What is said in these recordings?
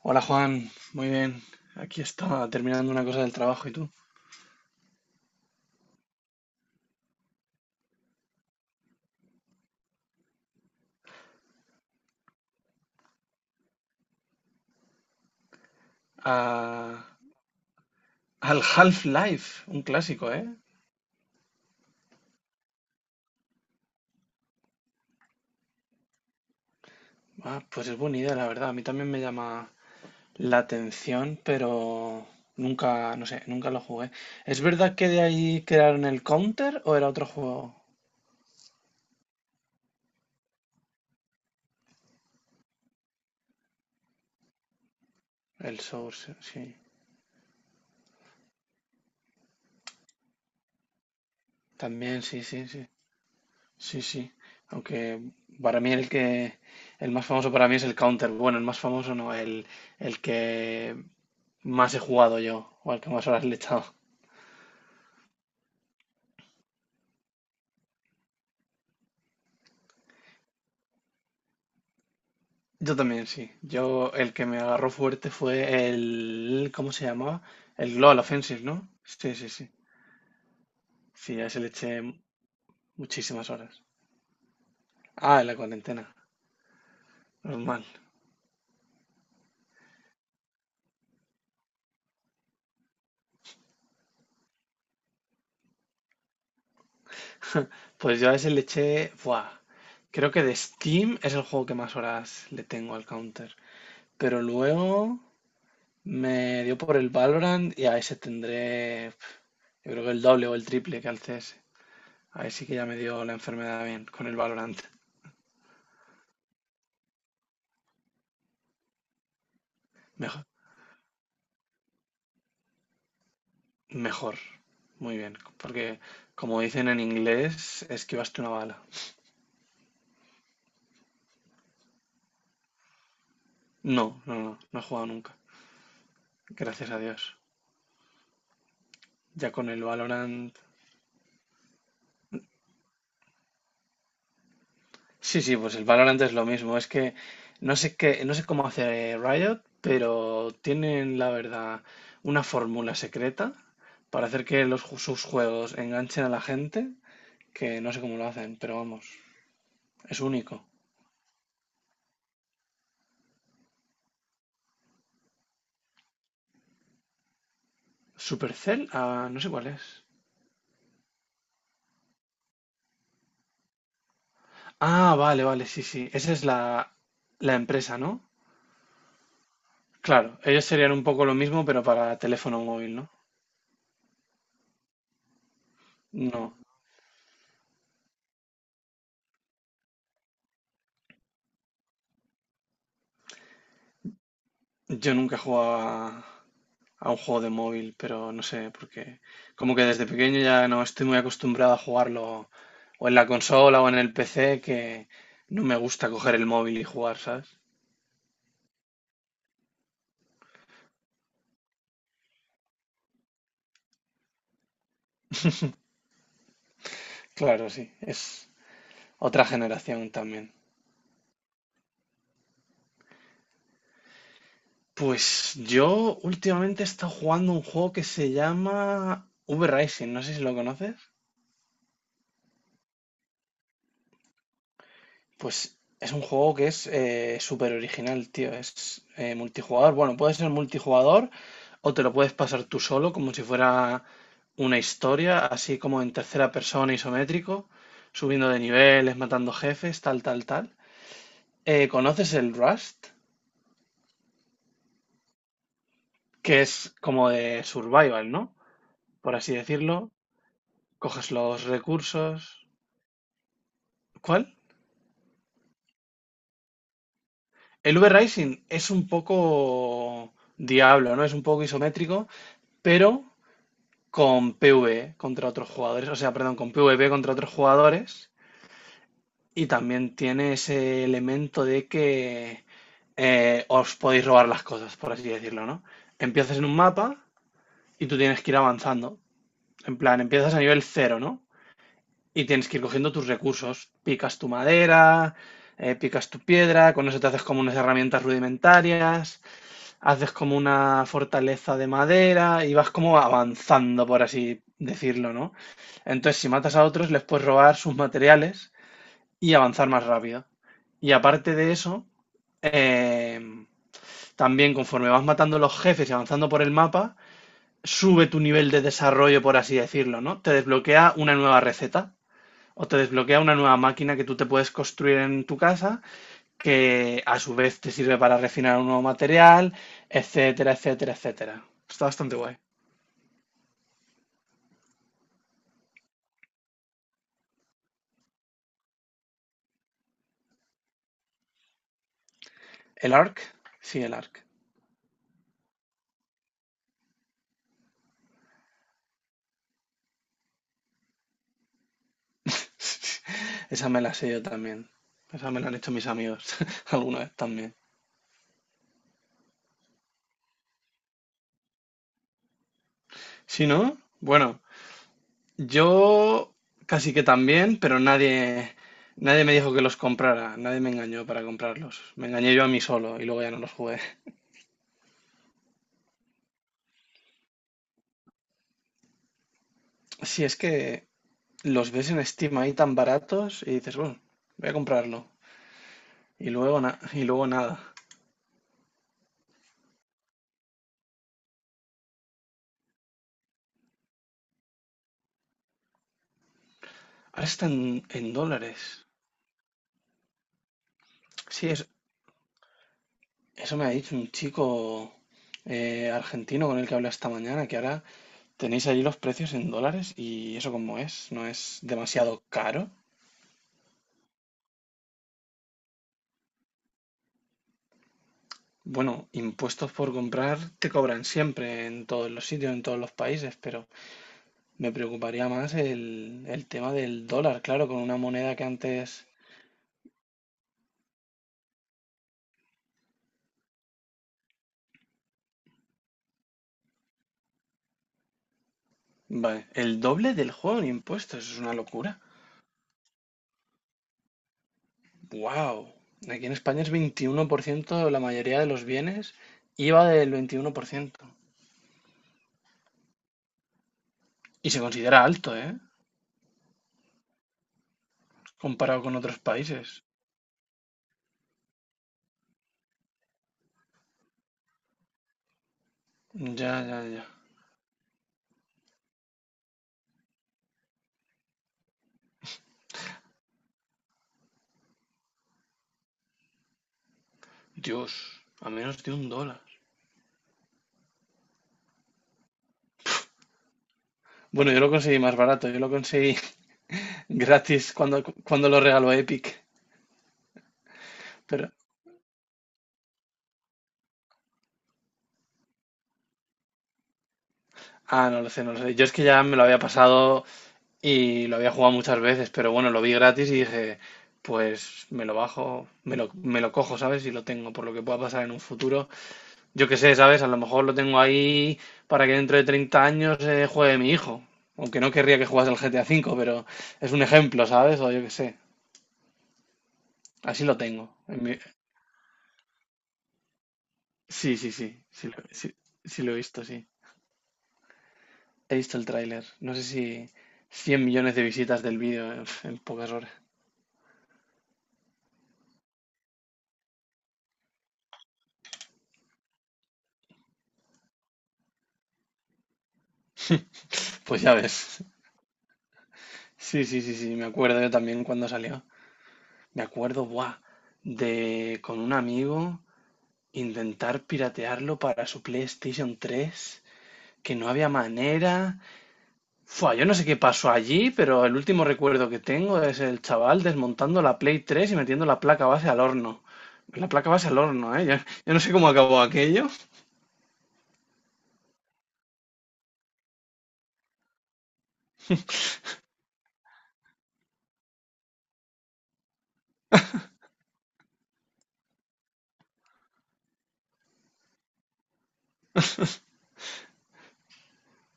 Hola Juan, muy bien. Aquí estaba terminando una cosa del trabajo y tú. A- Al Half-Life, un clásico, ¿eh? Ah, pues es buena idea, la verdad. A mí también me llama la atención, pero nunca, no sé, nunca lo jugué. ¿Es verdad que de ahí crearon el Counter o era otro juego? El Source, sí. También, sí, sí, sí. Sí, sí. Aunque para mí el que, el más famoso para mí es el Counter. Bueno, el más famoso no, el que más he jugado yo, o al que más horas le he echado. Yo también, sí. Yo, el que me agarró fuerte fue el ¿cómo se llamaba? El Global Offensive, ¿no? Sí, sí, sí. Sí, a ese le eché muchísimas horas. Ah, en la cuarentena. Normal. Pues yo a ese le eché buah. Creo que de Steam es el juego que más horas le tengo al Counter. Pero luego me dio por el Valorant, y a ese tendré pf, yo creo que el doble o el triple que al CS. Ahí sí que ya me dio la enfermedad bien con el Valorant. Mejor, mejor. Muy bien. Porque, como dicen en inglés, esquivaste una bala. No, no, no. No he jugado nunca. Gracias a Dios. Ya con el Valorant. Sí, sí, pues el Valorant es lo mismo. Es que no sé qué, no sé cómo hace Riot, pero tienen, la verdad, una fórmula secreta para hacer que los, sus juegos enganchen a la gente, que no sé cómo lo hacen, pero vamos, es único. Supercell, ah, no sé cuál es. Ah, vale, vale, sí, sí. Esa es la, la empresa, ¿no? Claro, ellos serían un poco lo mismo, pero para teléfono móvil, ¿no? No, yo nunca he jugado a un juego de móvil, pero no sé, porque como que desde pequeño ya no estoy muy acostumbrado a jugarlo o en la consola o en el PC, que no me gusta coger el móvil y jugar, ¿sabes? Claro, sí, es otra generación también. Pues yo últimamente he estado jugando un juego que se llama V-Rising, no sé si lo conoces. Pues es un juego que es súper original, tío. Es multijugador. Bueno, puede ser multijugador o te lo puedes pasar tú solo, como si fuera una historia, así como en tercera persona isométrico, subiendo de niveles, matando jefes, tal, tal, tal. ¿conoces el Rust? Que es como de survival, ¿no? Por así decirlo. Coges los recursos. ¿Cuál? El V-Rising es un poco diablo, ¿no? Es un poco isométrico, pero con PvE contra otros jugadores, o sea, perdón, con PvP contra otros jugadores. Y también tiene ese elemento de que os podéis robar las cosas, por así decirlo, ¿no? Empiezas en un mapa y tú tienes que ir avanzando. En plan, empiezas a nivel cero, ¿no? Y tienes que ir cogiendo tus recursos. Picas tu madera, picas tu piedra, con eso te haces como unas herramientas rudimentarias, haces como una fortaleza de madera y vas como avanzando, por así decirlo, ¿no? Entonces, si matas a otros, les puedes robar sus materiales y avanzar más rápido. Y aparte de eso, eh, también conforme vas matando los jefes y avanzando por el mapa, sube tu nivel de desarrollo, por así decirlo, ¿no? Te desbloquea una nueva receta o te desbloquea una nueva máquina que tú te puedes construir en tu casa que a su vez te sirve para refinar un nuevo material, etcétera, etcétera, etcétera. Está bastante guay. ¿El ARC? Sí, el ARC. Esa me la sé yo también. Esa me la han hecho mis amigos alguna vez también. Si no, bueno, yo casi que también, pero nadie, nadie me dijo que los comprara, nadie me engañó para comprarlos. Me engañé yo a mí solo y luego ya no los jugué. Si es que los ves en Steam ahí tan baratos y dices, bueno, voy a comprarlo. Y luego, y luego nada. Ahora están en dólares. Sí, eso me ha dicho un chico argentino con el que hablé esta mañana, que ahora tenéis allí los precios en dólares y eso como es, no es demasiado caro. Bueno, impuestos por comprar te cobran siempre en todos los sitios, en todos los países, pero me preocuparía más el tema del dólar, claro, con una moneda que antes... Vale, el doble del juego en impuestos, es una locura. Wow, aquí en España es 21% la mayoría de los bienes, IVA del 21%. Y se considera alto, ¿eh? Comparado con otros países. Ya, ya, ya. Dios, a menos de un dólar. Bueno, yo lo conseguí más barato, yo lo conseguí gratis cuando, cuando lo regaló Epic. Pero, ah, no lo sé, no lo sé. Yo es que ya me lo había pasado y lo había jugado muchas veces, pero bueno, lo vi gratis y dije, pues me lo bajo, me lo cojo, ¿sabes? Y lo tengo, por lo que pueda pasar en un futuro. Yo qué sé, ¿sabes? A lo mejor lo tengo ahí para que dentro de 30 años juegue mi hijo. Aunque no querría que jugase el GTA V, pero es un ejemplo, ¿sabes? O yo qué sé. Así lo tengo. Sí, sí, sí. Sí, sí lo he visto, sí. He visto el tráiler. No sé si 100 millones de visitas del vídeo en pocas horas. Pues ya ves. Sí, sí, sí, sí. Me acuerdo yo también cuando salió. Me acuerdo, buah, de con un amigo intentar piratearlo para su PlayStation 3 que no había manera. Fua, yo no sé qué pasó allí, pero el último recuerdo que tengo es el chaval desmontando la Play 3 y metiendo la placa base al horno. La placa base al horno, ¿eh? Yo no sé cómo acabó aquello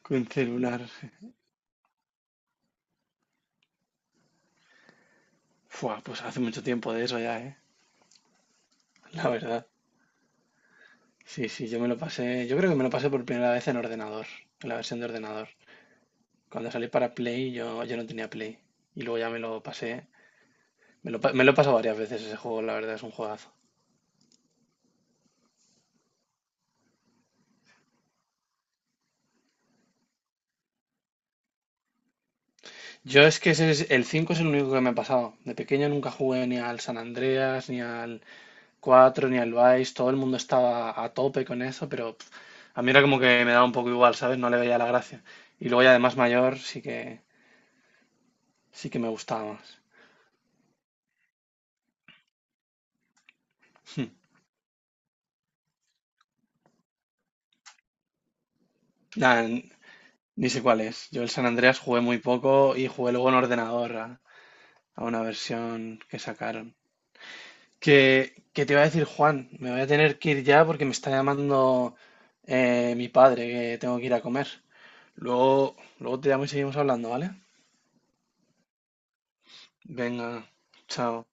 con celular. Fua, pues hace mucho tiempo de eso ya, ¿eh? La verdad. Sí, sí, yo me lo pasé. Yo creo que me lo pasé por primera vez en ordenador, en la versión de ordenador. Cuando salí para Play, yo no tenía Play. Y luego ya me lo pasé. Me lo, me lo he pasado varias veces ese juego, la verdad, es un juegazo. Yo es que ese es, el 5 es el único que me ha pasado. De pequeño nunca jugué ni al San Andreas, ni al 4 ni al Vice. Todo el mundo estaba a tope con eso, pero pf, a mí era como que me daba un poco igual, ¿sabes? No le veía la gracia. Y luego ya de más mayor sí que me gustaba más. Nah, ni sé cuál es. Yo el San Andreas jugué muy poco y jugué luego en ordenador a una versión que sacaron. Que te iba a decir, Juan, me voy a tener que ir ya porque me está llamando mi padre, que tengo que ir a comer. Luego, luego te llamo y seguimos hablando, ¿vale? Venga, chao.